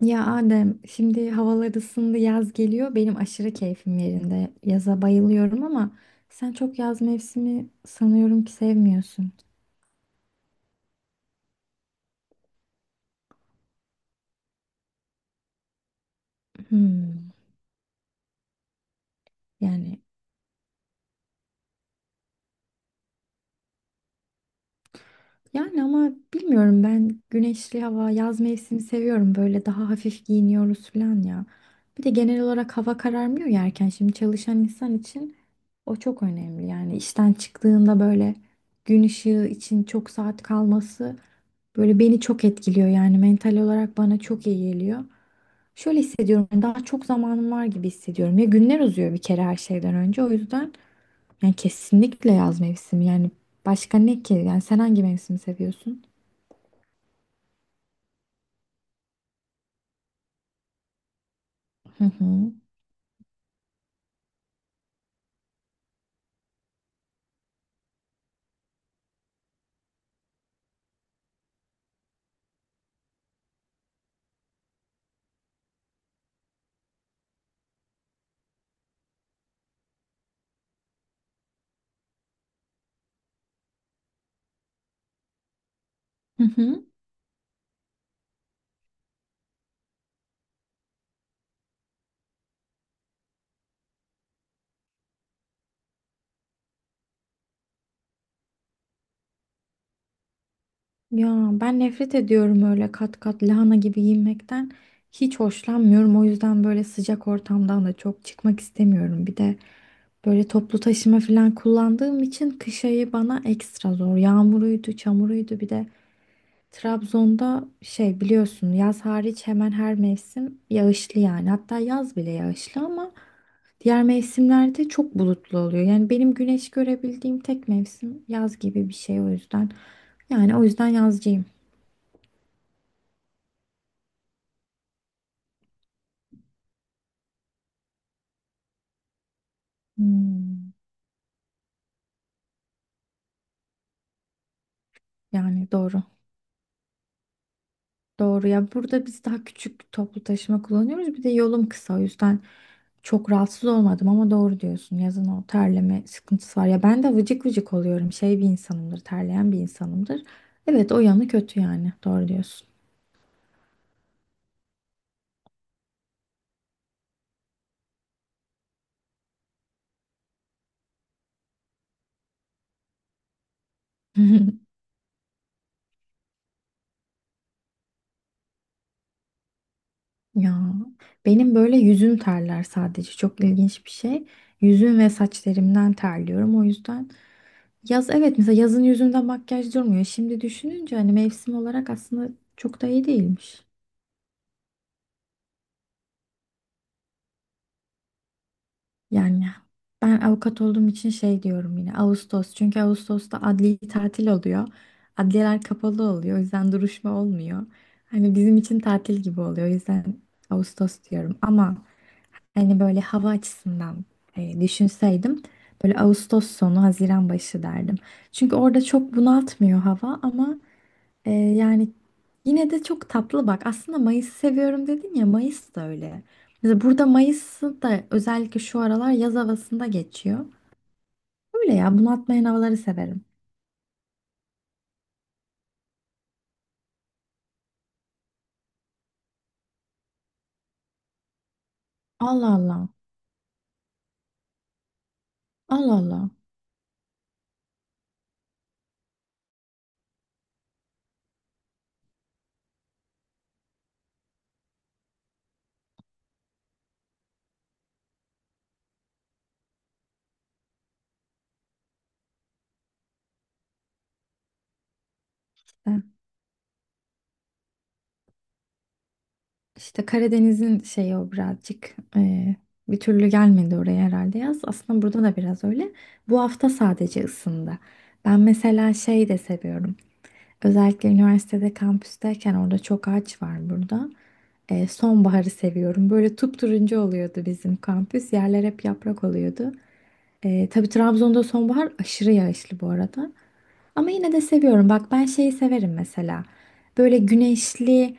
Ya Adem, şimdi havalar ısındı, yaz geliyor. Benim aşırı keyfim yerinde. Yaza bayılıyorum ama sen çok yaz mevsimi sanıyorum ki sevmiyorsun. Hmm, yani. Yani ama bilmiyorum, ben güneşli hava, yaz mevsimi seviyorum. Böyle daha hafif giyiniyoruz falan ya. Bir de genel olarak hava kararmıyor ya erken. Şimdi çalışan insan için o çok önemli. Yani işten çıktığında böyle gün ışığı için çok saat kalması böyle beni çok etkiliyor. Yani mental olarak bana çok iyi geliyor. Şöyle hissediyorum, yani daha çok zamanım var gibi hissediyorum. Ya günler uzuyor bir kere her şeyden önce. O yüzden yani kesinlikle yaz mevsimi. Yani başka ne ki? Yani sen hangi mevsimi seviyorsun? Hı hı. Hı hı. Ya ben nefret ediyorum öyle kat kat lahana gibi giyinmekten. Hiç hoşlanmıyorum. O yüzden böyle sıcak ortamdan da çok çıkmak istemiyorum. Bir de böyle toplu taşıma falan kullandığım için kış ayı bana ekstra zor. Yağmuruydu, çamuruydu, bir de Trabzon'da şey, biliyorsun, yaz hariç hemen her mevsim yağışlı yani. Hatta yaz bile yağışlı ama diğer mevsimlerde çok bulutlu oluyor. Yani benim güneş görebildiğim tek mevsim yaz gibi bir şey o yüzden. Yani o yüzden yazcıyım. Hmm, yani doğru. Doğru ya, burada biz daha küçük toplu taşıma kullanıyoruz. Bir de yolum kısa o yüzden çok rahatsız olmadım ama doğru diyorsun. Yazın o terleme sıkıntısı var. Ya ben de vıcık vıcık oluyorum. Şey bir insanımdır, terleyen bir insanımdır. Evet, o yanı kötü yani. Doğru diyorsun. Ya benim böyle yüzüm terler sadece. Çok ilginç bir şey. Yüzüm ve saçlarımdan terliyorum. O yüzden yaz, evet, mesela yazın yüzümde makyaj durmuyor. Şimdi düşününce hani mevsim olarak aslında çok da iyi değilmiş. Yani ben avukat olduğum için şey diyorum, yine Ağustos. Çünkü Ağustos'ta adli tatil oluyor. Adliyeler kapalı oluyor. O yüzden duruşma olmuyor. Hani bizim için tatil gibi oluyor. O yüzden Ağustos diyorum. Ama hani böyle hava açısından düşünseydim böyle Ağustos sonu Haziran başı derdim. Çünkü orada çok bunaltmıyor hava ama yani yine de çok tatlı bak. Aslında Mayıs'ı seviyorum dedin ya, Mayıs da öyle. Mesela burada Mayıs'ı da özellikle şu aralar yaz havasında geçiyor. Öyle ya, bunaltmayan havaları severim. Allah Allah. Allah Allah. İşte, işte Karadeniz'in şeyi o birazcık bir türlü gelmedi oraya herhalde yaz. Aslında burada da biraz öyle. Bu hafta sadece ısındı. Ben mesela şey de seviyorum. Özellikle üniversitede kampüsteyken, orada çok ağaç var burada. Sonbaharı seviyorum. Böyle turuncu oluyordu bizim kampüs. Yerler hep yaprak oluyordu. Tabii Trabzon'da sonbahar aşırı yağışlı bu arada. Ama yine de seviyorum. Bak ben şeyi severim mesela. Böyle güneşli,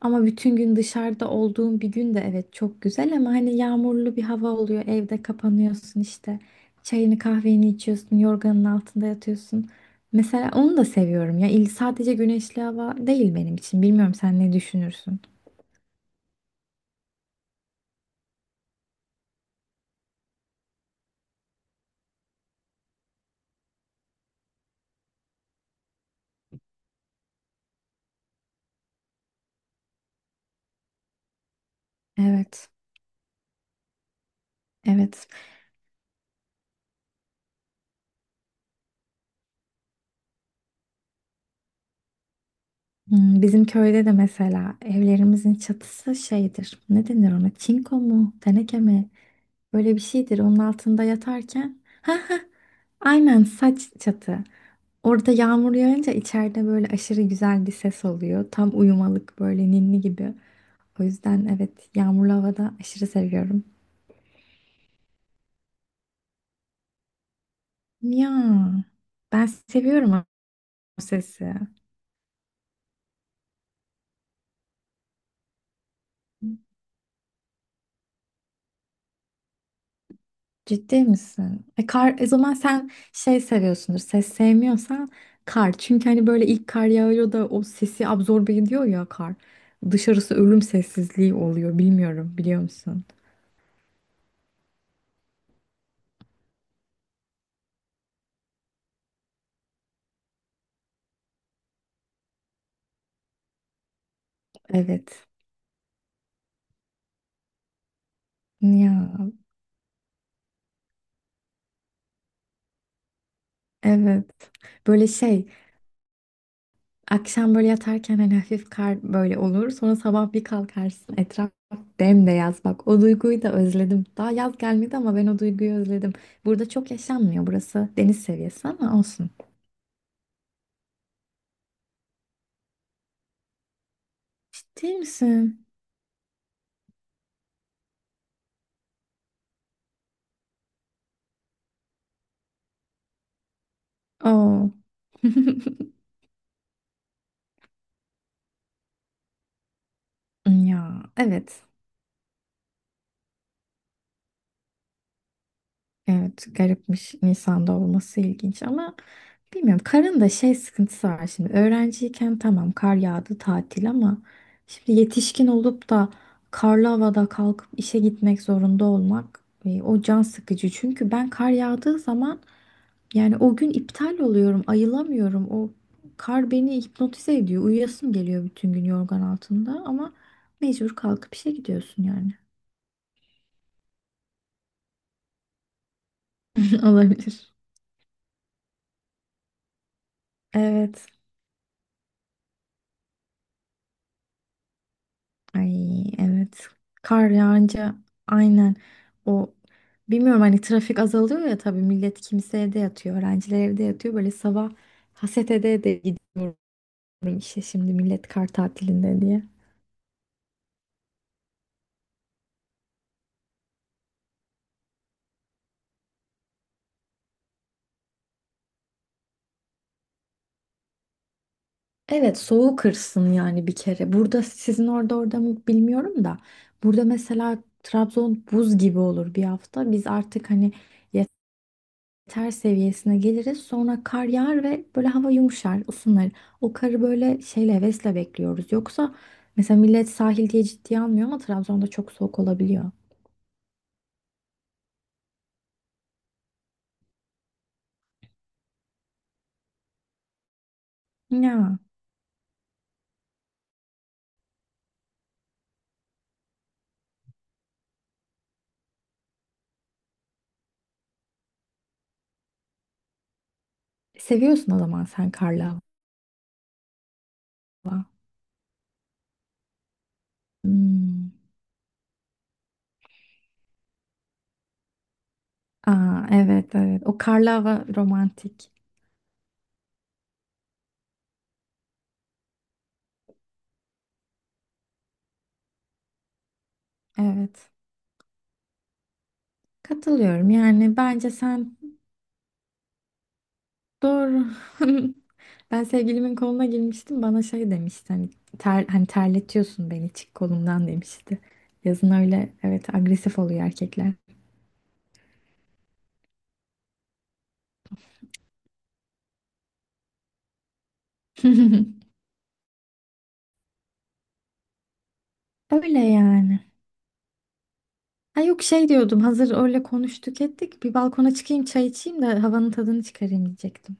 ama bütün gün dışarıda olduğun bir gün de evet çok güzel, ama hani yağmurlu bir hava oluyor. Evde kapanıyorsun işte. Çayını kahveni içiyorsun, yorganın altında yatıyorsun. Mesela onu da seviyorum ya. İl sadece güneşli hava değil benim için. Bilmiyorum, sen ne düşünürsün? Evet. Evet. Hmm, bizim köyde de mesela evlerimizin çatısı şeydir. Ne denir ona? Çinko mu? Teneke mi? Böyle bir şeydir. Onun altında yatarken aynen, saç çatı. Orada yağmur yağınca içeride böyle aşırı güzel bir ses oluyor. Tam uyumalık böyle ninni gibi. O yüzden evet, yağmurlu havada aşırı seviyorum. Ya ben seviyorum o sesi. Ciddi misin? Kar, o zaman sen şey seviyorsundur. Ses sevmiyorsan kar. Çünkü hani böyle ilk kar yağıyor da o sesi absorbe ediyor ya kar. Dışarısı ölüm sessizliği oluyor. Bilmiyorum, biliyor musun? Evet. Ya evet. Böyle şey, akşam böyle yatarken hani hafif kar böyle olur. Sonra sabah bir kalkarsın. Etraf bembeyaz. Bak o duyguyu da özledim. Daha yaz gelmedi ama ben o duyguyu özledim. Burada çok yaşanmıyor. Burası deniz seviyesi ama olsun. Ciddi misin? Oo. Ya evet. Evet, garipmiş Nisan'da olması, ilginç ama bilmiyorum. Karın da şey sıkıntısı var şimdi. Öğrenciyken tamam, kar yağdı tatil, ama şimdi yetişkin olup da karlı havada kalkıp işe gitmek zorunda olmak, o can sıkıcı. Çünkü ben kar yağdığı zaman yani o gün iptal oluyorum, ayılamıyorum. O kar beni hipnotize ediyor. Uyuyasım geliyor bütün gün yorgan altında, ama mecbur kalkıp işe gidiyorsun yani. Olabilir. Evet. Ay evet. Kar yağınca aynen o, bilmiyorum, hani trafik azalıyor ya, tabii millet, kimse evde yatıyor. Öğrenciler evde yatıyor. Böyle sabah haset ede ede gidiyorum işte, şimdi millet kar tatilinde diye. Evet, soğuk kırsın yani bir kere. Burada sizin orada, orada mı bilmiyorum da. Burada mesela Trabzon buz gibi olur bir hafta. Biz artık hani ter seviyesine geliriz. Sonra kar yağar ve böyle hava yumuşar, ısınır. O karı böyle şeyle, hevesle bekliyoruz. Yoksa mesela millet sahil diye ciddiye almıyor ama Trabzon'da çok soğuk olabiliyor. Ya seviyorsun o zaman sen karlı hava. Hmm. Aa, evet evet, o karlı hava romantik. Evet, katılıyorum, yani bence sen. Doğru. Ben sevgilimin koluna girmiştim. Bana şey demişti hani, ter, hani terletiyorsun beni, çık kolumdan demişti. Yazın öyle evet, agresif oluyor erkekler. Öyle yani. Ha yok, şey diyordum, hazır öyle konuştuk ettik, bir balkona çıkayım, çay içeyim de havanın tadını çıkarayım diyecektim.